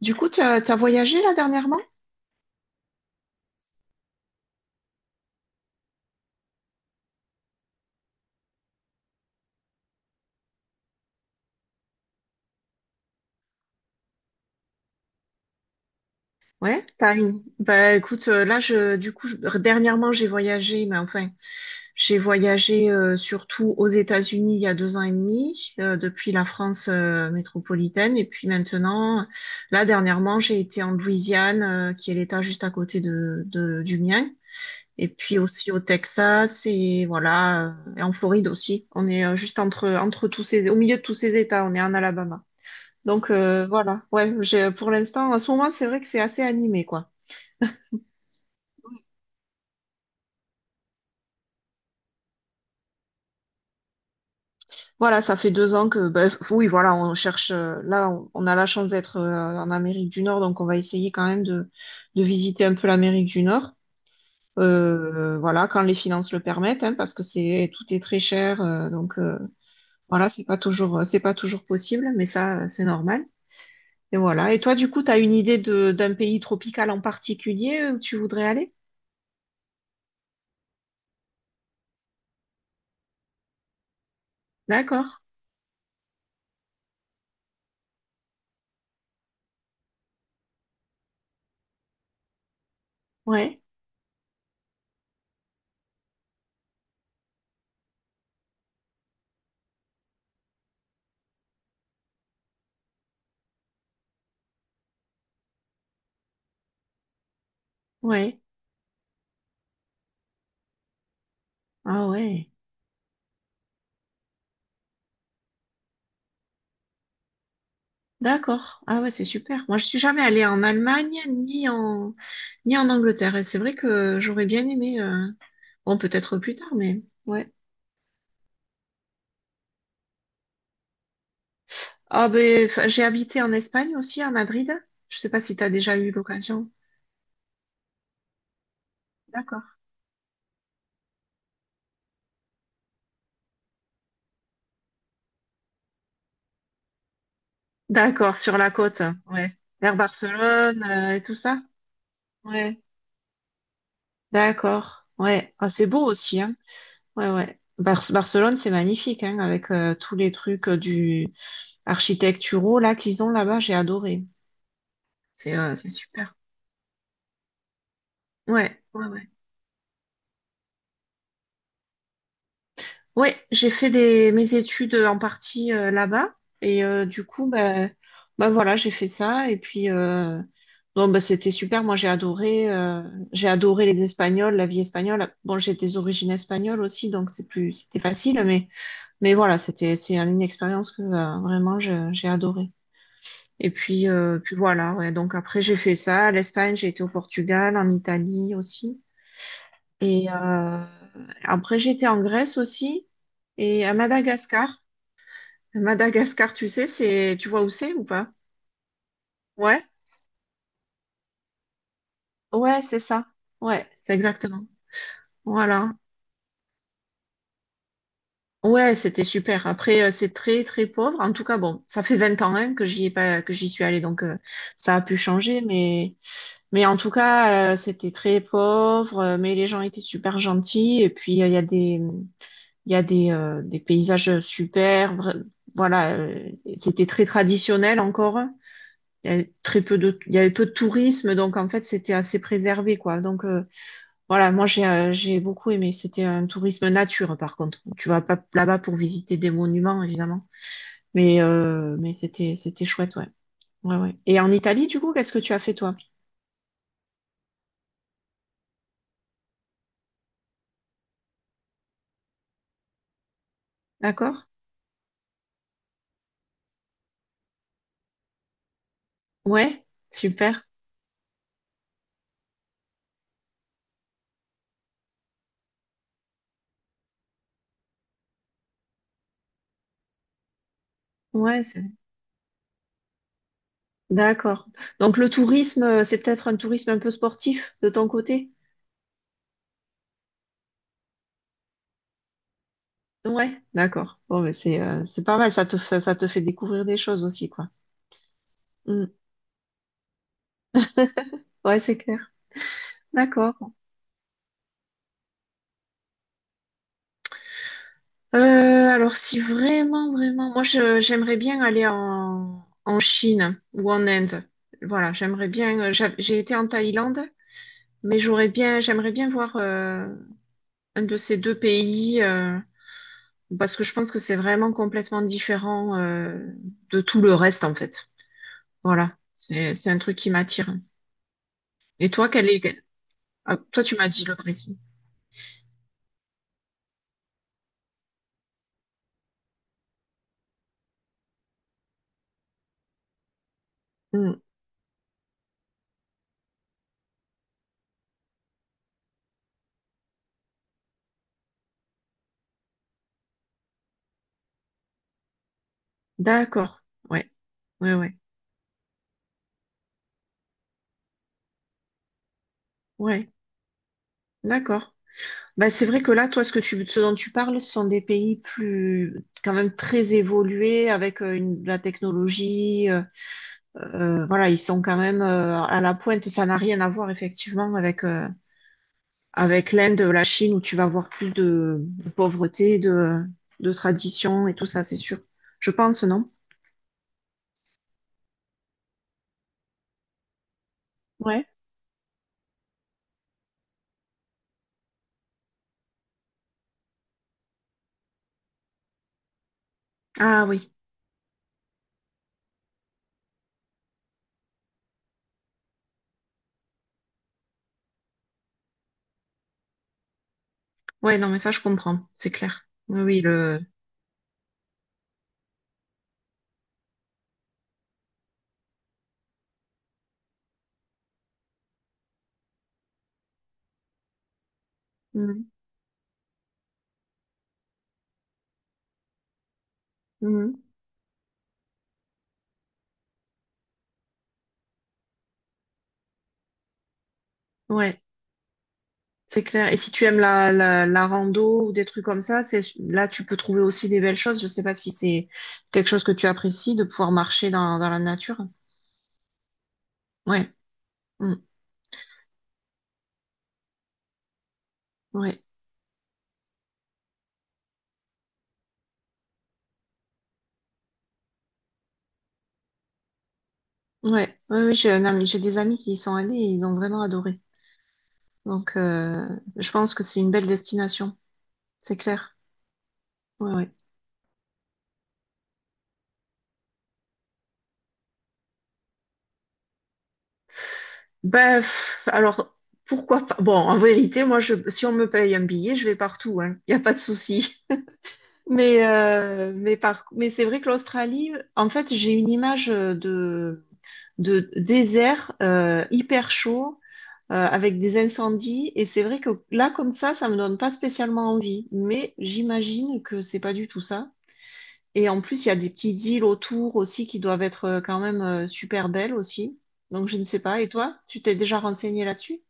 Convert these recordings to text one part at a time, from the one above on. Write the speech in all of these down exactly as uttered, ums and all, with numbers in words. Du coup, tu as voyagé là dernièrement? Ouais, t'as une. Bah écoute, euh, là je du coup je- dernièrement j'ai voyagé, mais enfin j'ai voyagé euh, surtout aux États-Unis il y a deux ans et demi, euh, depuis la France euh, métropolitaine, et puis maintenant, là dernièrement j'ai été en Louisiane, euh, qui est l'État juste à côté de, de- du mien, et puis aussi au Texas et voilà, euh, et en Floride aussi. On est euh, juste entre entre tous ces au milieu de tous ces États, on est en Alabama. Donc euh, voilà, ouais, j'ai pour l'instant, en ce moment, c'est vrai que c'est assez animé, quoi. Voilà, ça fait deux ans que, ben, f- oui, voilà, on cherche, euh, là, on, on a la chance d'être euh, en Amérique du Nord, donc on va essayer quand même de, de visiter un peu l'Amérique du Nord. Euh, voilà, quand les finances le permettent, hein, parce que c'est tout est très cher, euh, donc euh, voilà, c'est pas toujours, c'est pas toujours possible, mais ça, euh, c'est normal. Et voilà. Et toi, du coup, t'as une idée de d'un pays tropical en particulier où tu voudrais aller? D'accord. Ouais. Ouais. Ah ouais. D'accord. Ah ouais, c'est super. Moi, je suis jamais allée en Allemagne ni en ni en Angleterre. Et c'est vrai que j'aurais bien aimé. euh, Bon, peut-être plus tard, mais ouais. Ah ben, enfin, j'ai habité en Espagne aussi, à Madrid. Je sais pas si tu as déjà eu l'occasion. D'accord. D'accord, sur la côte. Ouais. Vers Barcelone euh, et tout ça. Ouais. D'accord. Ouais. Ah, c'est beau aussi, hein. Ouais, ouais. Bar- Barcelone, c'est magnifique, hein, avec euh, tous les trucs euh, du architecturaux là qu'ils ont là-bas. J'ai adoré. C'est euh, c'est super. Ouais, ouais, ouais. Ouais, j'ai fait des, mes études en partie euh, là-bas. Et euh, du coup, bah, bah voilà, j'ai fait ça. Et puis, euh, bon, bah, c'était super. Moi, j'ai adoré, euh, j'ai adoré les Espagnols, la vie espagnole. Bon, j'ai des origines espagnoles aussi, donc c'est plus, c'était facile. Mais, mais voilà, c'était, c'est une expérience que euh, vraiment, je- j'ai adoré. Et puis, euh, puis voilà, ouais. Donc après, j'ai fait ça. L'Espagne, j'ai été au Portugal, en Italie aussi. Et euh, après, j'étais en Grèce aussi. Et à Madagascar, Madagascar, tu sais, c'est, tu vois où c'est ou pas? Ouais, ouais, c'est ça. Ouais, c'est exactement. Voilà. Ouais, c'était super. Après, euh, c'est très, très pauvre. En tout cas, bon, ça fait vingt ans hein, que j'y ai pas, que j'y suis allée, donc euh, ça a pu changer, mais, mais en tout cas, euh, c'était très pauvre. Euh, mais les gens étaient super gentils. Et puis, euh, il y a des, il y a des, euh, des paysages super. vra- Voilà, euh, c'était très traditionnel encore. Il y avait très peu de, il y avait peu de tourisme, donc en fait c'était assez préservé quoi. Donc euh, voilà, moi j'ai euh, j'ai beaucoup aimé. C'était un tourisme nature par contre. Tu vas pas là-bas pour visiter des monuments évidemment, mais euh, mais c'était c'était chouette ouais. Ouais ouais. Et en Italie du coup, qu'est-ce que tu as fait toi? D'accord? Ouais, super. Ouais, c'est- d'accord. Donc le tourisme, euh, c'est peut-être un tourisme un peu sportif de ton côté? Ouais, d'accord. Bon, mais c'est euh, c'est pas mal, ça te, fait- ça, te fait découvrir des choses aussi, quoi. Mm. Ouais, c'est clair. D'accord. Euh, alors si vraiment, vraiment, moi je j'aimerais bien aller en, en Chine ou en Inde. Voilà, j'aimerais bien. euh, j'a- J'ai été en Thaïlande, mais j'aurais bien, j'aimerais bien voir euh, un de ces deux pays euh, parce que je pense que c'est vraiment complètement différent euh, de tout le reste en fait. Voilà, c'est c'est un truc qui m'attire. Et toi, quel est... Ah, toi tu m'as dit le Brésil. Hmm. D'accord. Ouais, ouais, ouais, ouais. D'accord. Bah, c'est vrai que là, toi, ce que tu, ce dont tu parles, ce sont des pays plus, quand même très évolués avec euh, une, de la technologie. Euh, euh, voilà, ils sont quand même euh, à la pointe. Ça n'a rien à voir effectivement avec euh, avec l'Inde, la Chine, où tu vas avoir plus de, de pauvreté, de de tradition et tout ça, c'est sûr. Je pense, non? Ouais. Ah oui. Ouais, non, mais ça, je comprends. C'est clair. Oui, oui, le. Mhm. Mhm. Ouais. C'est clair. Et si tu aimes la, la, la rando ou des trucs comme ça, c'est là tu peux trouver aussi des belles choses. Je sais pas si c'est quelque chose que tu apprécies de pouvoir marcher dans, dans la nature. Ouais. Mm. Ouais, ouais, ouais, oui. J'ai un ami- j'ai des amis qui y sont allés et ils ont vraiment adoré. Donc, euh, je pense que c'est une belle destination. C'est clair. Ouais, ouais. Ben, pff, alors pourquoi pas? Bon, en vérité, moi, je, si on me paye un billet, je vais partout. Hein. Il y a pas de souci. Mais, euh, mais, par, mais c'est vrai que l'Australie, en fait, j'ai une image euh, de, de désert euh, hyper chaud euh, avec des incendies. Et c'est vrai que là, comme ça, ça me donne pas spécialement envie. Mais j'imagine que c'est pas du tout ça. Et en plus, il y a des petites îles autour aussi qui doivent être euh, quand même euh, super belles aussi. Donc, je ne sais pas. Et toi, tu t'es déjà renseigné là-dessus?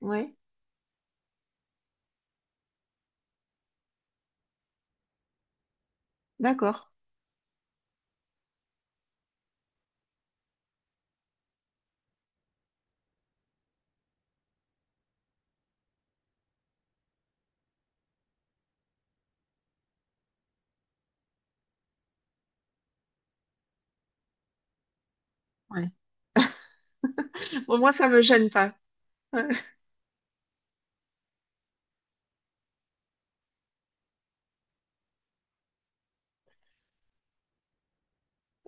Ouais, d'accord. Ouais. Bon, moi, ça me gêne pas.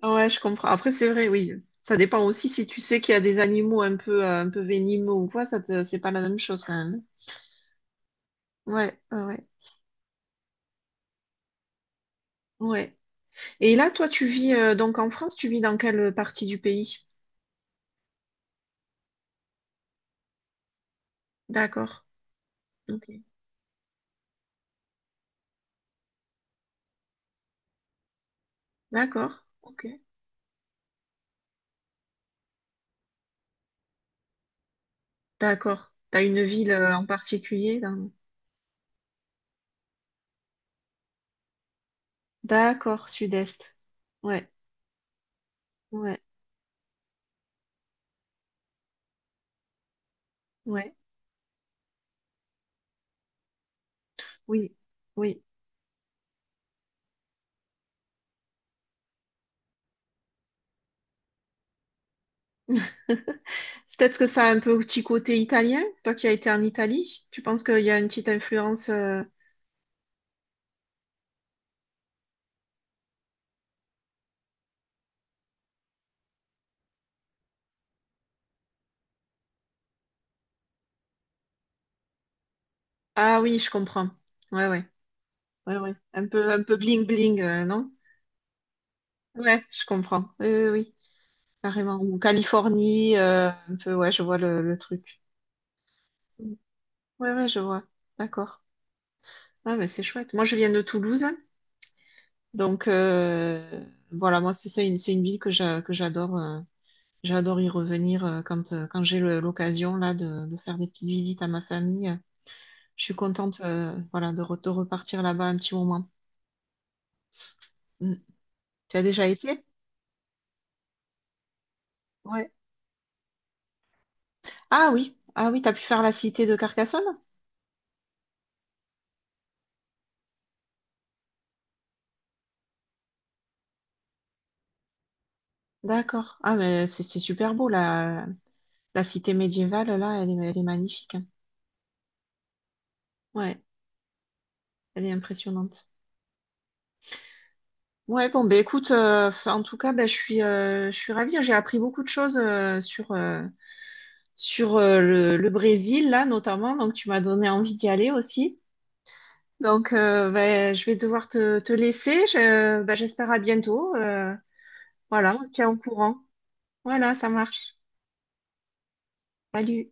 Ouais, je comprends. Après, c'est vrai, oui. Ça dépend aussi si tu sais qu'il y a des animaux un peu, euh, un peu venimeux ou quoi, ça te, c'est pas la même chose quand même. Ouais, ouais, ouais. Ouais. Et là, toi, tu vis euh, donc en France, tu vis dans quelle partie du pays? D'accord. Ok. D'accord. Ok. D'accord. T'as une ville euh, en particulier dans... D'accord, sud-est. Ouais, ouais, ouais. Oui, oui. Peut-être que ça a un peu petit côté italien. Toi qui as été en Italie, tu penses qu'il y a une petite influence euh, Ah oui, je comprends. Ouais, ouais, ouais, ouais. Un peu, un peu bling bling, euh, non? Ouais, je comprends. Oui, oui, oui, carrément. Ou Californie, euh, un peu, ouais, je vois le, le truc. Ouais, ouais, je vois. D'accord. Ah, mais c'est chouette. Moi, je viens de Toulouse, donc euh, voilà, moi, c'est c'est une, c'est une ville que j'a- que j'adore. Euh, j'adore y revenir euh, quand, euh, quand j'ai le- l'occasion là de, de faire des petites visites à ma famille. Je suis contente, euh, voilà, de, re- de repartir là-bas un petit moment. Mm. Tu as déjà été? Ouais. Ah oui, ah oui, t'as pu faire la cité de Carcassonne? D'accord. Ah mais c'est c'est super beau la, la cité médiévale là, elle est, elle est magnifique, hein. Ouais, elle est impressionnante. Ouais, bon ben écoute, euh, fin- en tout cas, ben, je suis euh, je suis ravie, hein. J'ai appris beaucoup de choses euh, sur euh, sur euh, le, le Brésil là notamment, donc tu m'as donné envie d'y aller aussi. Donc euh, ben, je vais devoir te, te laisser. Je- ben, j'espère à bientôt. Euh, voilà, on se tient au courant. Voilà, ça marche. Salut.